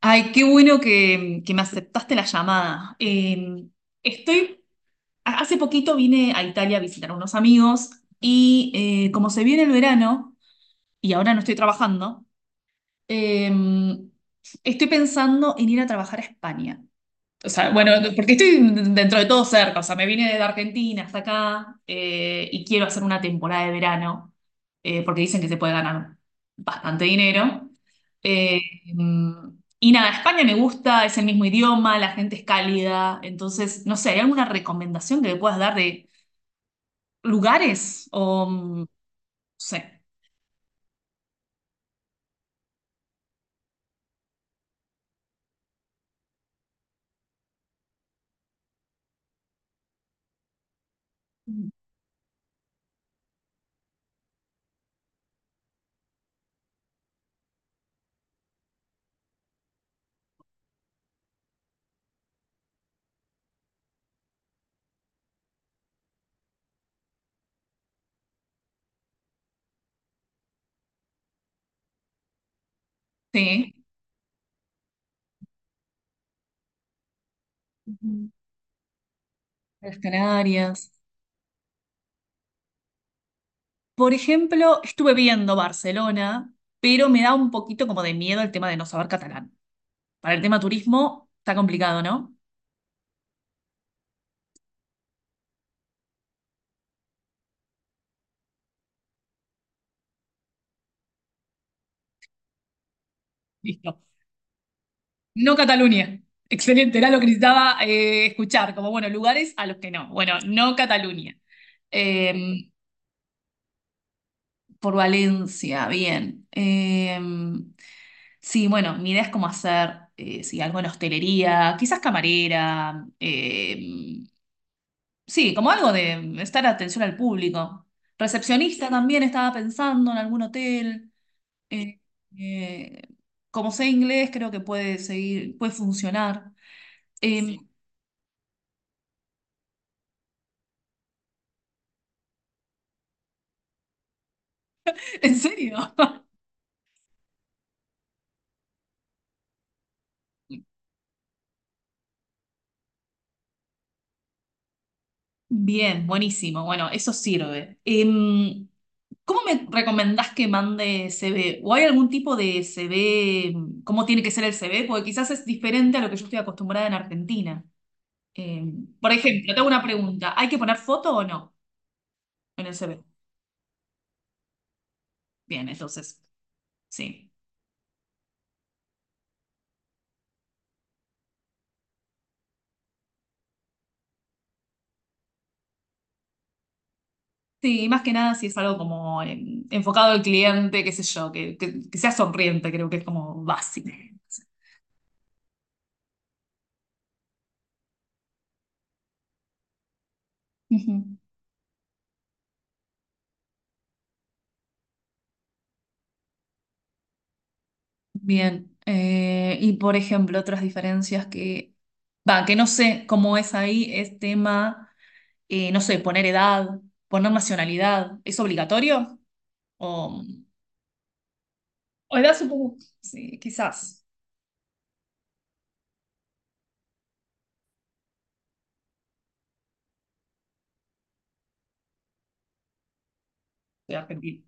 Ay, qué bueno que me aceptaste la llamada. Estoy, hace poquito vine a Italia a visitar a unos amigos y como se viene el verano y ahora no estoy trabajando. eh, Estoy pensando en ir a trabajar a España. O sea, bueno, porque estoy dentro de todo cerca, o sea, me vine desde Argentina hasta acá y quiero hacer una temporada de verano, porque dicen que se puede ganar bastante dinero. Eh, y nada, España me gusta, es el mismo idioma, la gente es cálida, entonces, no sé, ¿hay alguna recomendación que le puedas dar de lugares? O, no sé, sí. Ujú. Las Canarias. Por ejemplo, estuve viendo Barcelona, pero me da un poquito como de miedo el tema de no saber catalán. Para el tema turismo está complicado, ¿no? Listo. No Cataluña. Excelente, era lo que necesitaba escuchar, como bueno, lugares a los que no. Bueno, no Cataluña. Eh, por Valencia, bien. Sí, bueno, mi idea es como hacer, sí, algo en hostelería, quizás camarera, sí, como algo de estar atención al público. Recepcionista también estaba pensando en algún hotel. Eh, eh, Como sé inglés, creo que puede seguir, puede funcionar. Sí. ¿En serio? Bien, buenísimo. Bueno, eso sirve. ¿Cómo me recomendás que mande CV? ¿O hay algún tipo de CV? ¿Cómo tiene que ser el CV? Porque quizás es diferente a lo que yo estoy acostumbrada en Argentina. Por ejemplo, tengo una pregunta. ¿Hay que poner foto o no en el CV? Bien, entonces. Sí, sí, y más que nada si es algo como enfocado al cliente, qué sé yo, que sea sonriente, creo que es como básico. Ujú. Bien, y por ejemplo, otras diferencias que, va, que no sé cómo es ahí, es tema, no sé, poner edad, poner nacionalidad, ¿es obligatorio? O, o edad supongo, sí, quizás, de Argentina.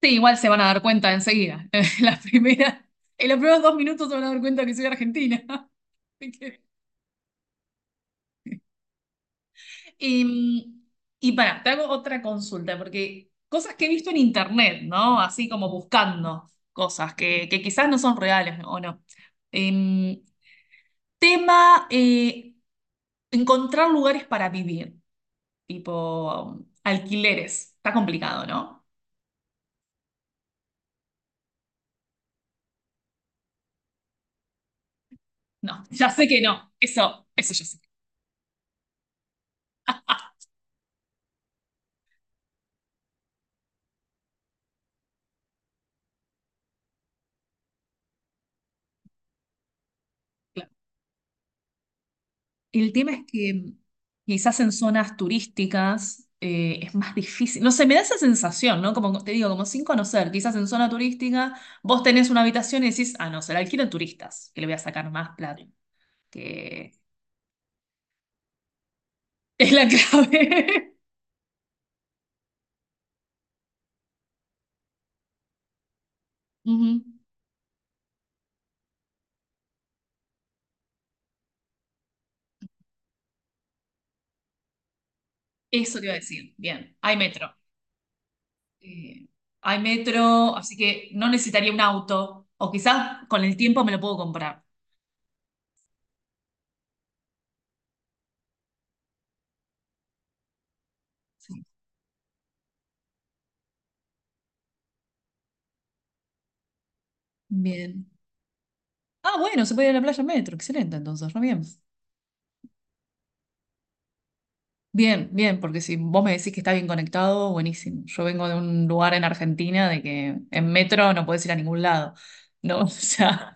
Sí, igual se van a dar cuenta enseguida. En los primeros dos minutos se van a dar cuenta que soy argentina. Así que- Y, y para, te hago otra consulta, porque cosas que he visto en internet, ¿no? Así como buscando cosas que quizás no son reales o no. Em, Tema, encontrar lugares para vivir, tipo alquileres. Está complicado, ¿no? No, ya sé que no. Eso ya sé. Claro. El tema es que quizás en zonas turísticas es más difícil. No sé, me da esa sensación, ¿no? Como te digo, como sin conocer. Quizás en zona turística vos tenés una habitación y decís, ah, no, se la alquilo a turistas, que le voy a sacar más plata, que es la clave. Ujú. Eso te iba a decir. Bien, hay metro. Eh, Hay metro, así que no necesitaría un auto. O quizás con el tiempo me lo puedo comprar. Sí. Bien. Ah, bueno, se puede ir a la playa en metro. Excelente, entonces, re bien. Bien, bien, porque si vos me decís que está bien conectado, buenísimo. Yo vengo de un lugar en Argentina de que en metro no podés ir a ningún lado, ¿no? O sea,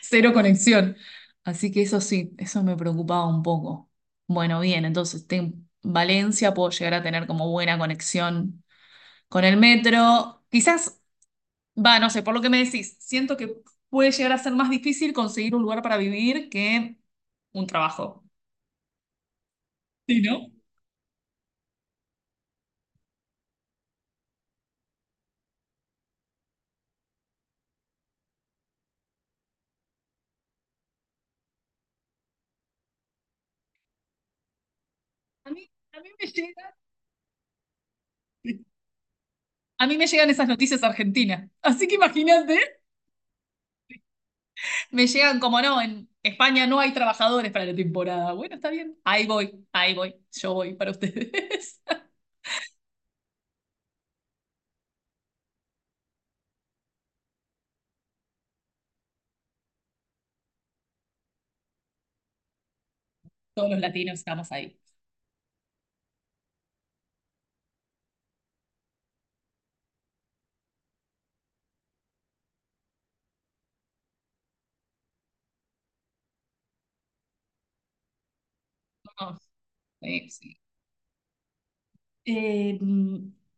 cero conexión. Así que eso sí, eso me preocupaba un poco. Bueno, bien, entonces en Valencia puedo llegar a tener como buena conexión con el metro. Quizás, va, no sé, por lo que me decís, siento que puede llegar a ser más difícil conseguir un lugar para vivir que un trabajo. Sí, ¿no? A mí me llega. A mí me llegan esas noticias argentinas. Así que imagínate, me llegan como no, en España no hay trabajadores para la temporada. Bueno, está bien. Ahí voy, ahí voy. Yo voy para ustedes. Todos los latinos estamos ahí. Somos- sí, sí. Eh,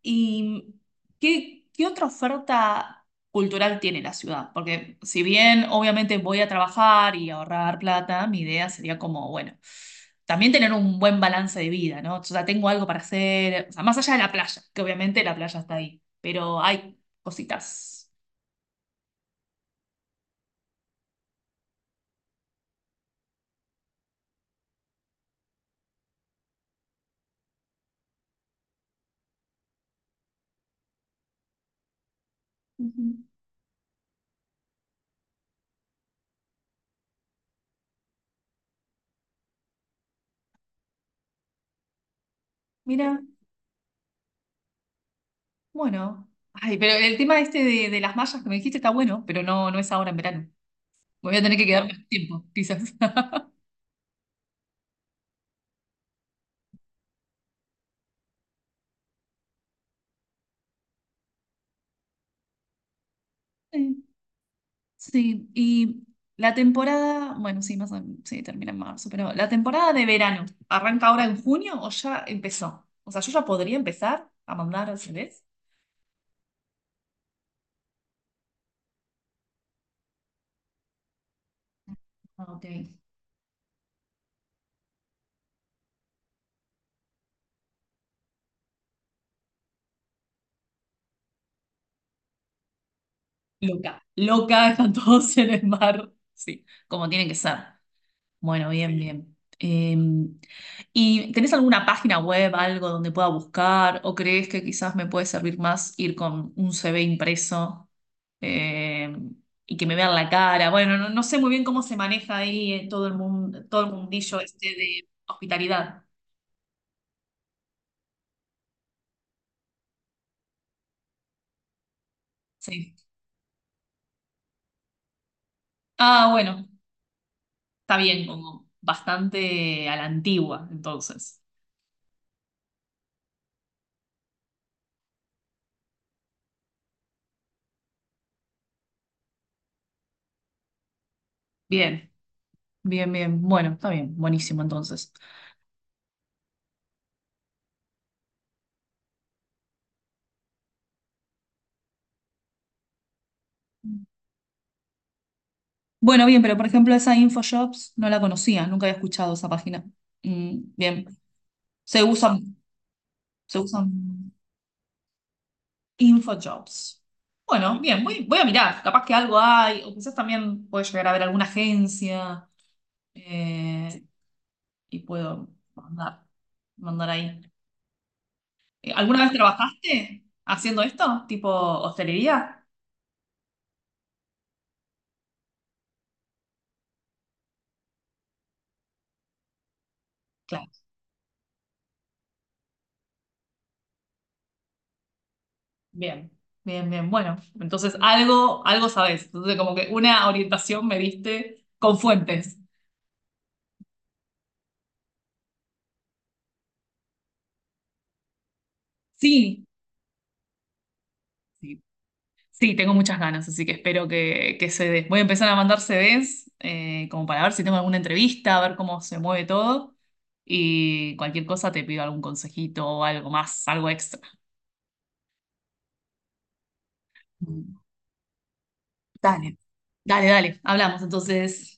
¿Y qué otra oferta cultural tiene la ciudad? Porque si bien obviamente voy a trabajar y ahorrar plata, mi idea sería como, bueno, también tener un buen balance de vida, ¿no? O sea, tengo algo para hacer, o sea, más allá de la playa, que obviamente la playa está ahí, pero hay cositas. Ujú. Mira, bueno. Ay, pero el tema este de las mallas que me dijiste está bueno, pero no, no es ahora en verano. Me voy a tener que quedar más tiempo, quizás. Sí, y la temporada, bueno, sí, sí, termina en marzo, pero la temporada de verano, ¿arranca ahora en junio o ya empezó? O sea, yo ya podría empezar a mandar CVs. Ah, ok. Loca, loca, están todos en el mar. Sí, como tienen que ser. Bueno, bien. Sí, bien. Eh, ¿Y tenés alguna página web, algo donde pueda buscar? ¿O crees que quizás me puede servir más ir con un CV impreso? eh, y que me vean la cara. Bueno, no, no sé muy bien cómo se maneja ahí todo el mundo, todo el mundillo este de hospitalidad. Sí. Ah, bueno, está bien, como bastante a la antigua, entonces. Bien, bien, bien. Bueno, está bien, buenísimo entonces. Bueno, bien, pero por ejemplo esa InfoShops no la conocía, nunca había escuchado esa página. Bien, se usan, se usan. InfoJobs. Bueno, bien, voy, voy, a mirar, capaz que algo hay, o quizás también puede llegar a ver alguna agencia eh, y puedo mandar, mandar ahí. ¿Alguna vez trabajaste haciendo esto? ¿Tipo hostelería? Claro, bien, bien, bien. Bueno, entonces algo, algo sabes. Entonces, como que una orientación me diste con fuentes. Sí, sí. Sí, tengo muchas ganas, así que espero que se dé. Voy a empezar a mandar CVs como para ver si tengo alguna entrevista, a ver cómo se mueve todo. Y cualquier cosa te pido algún consejito o algo más, algo extra. Mm, dale. Dale, dale, hablamos entonces.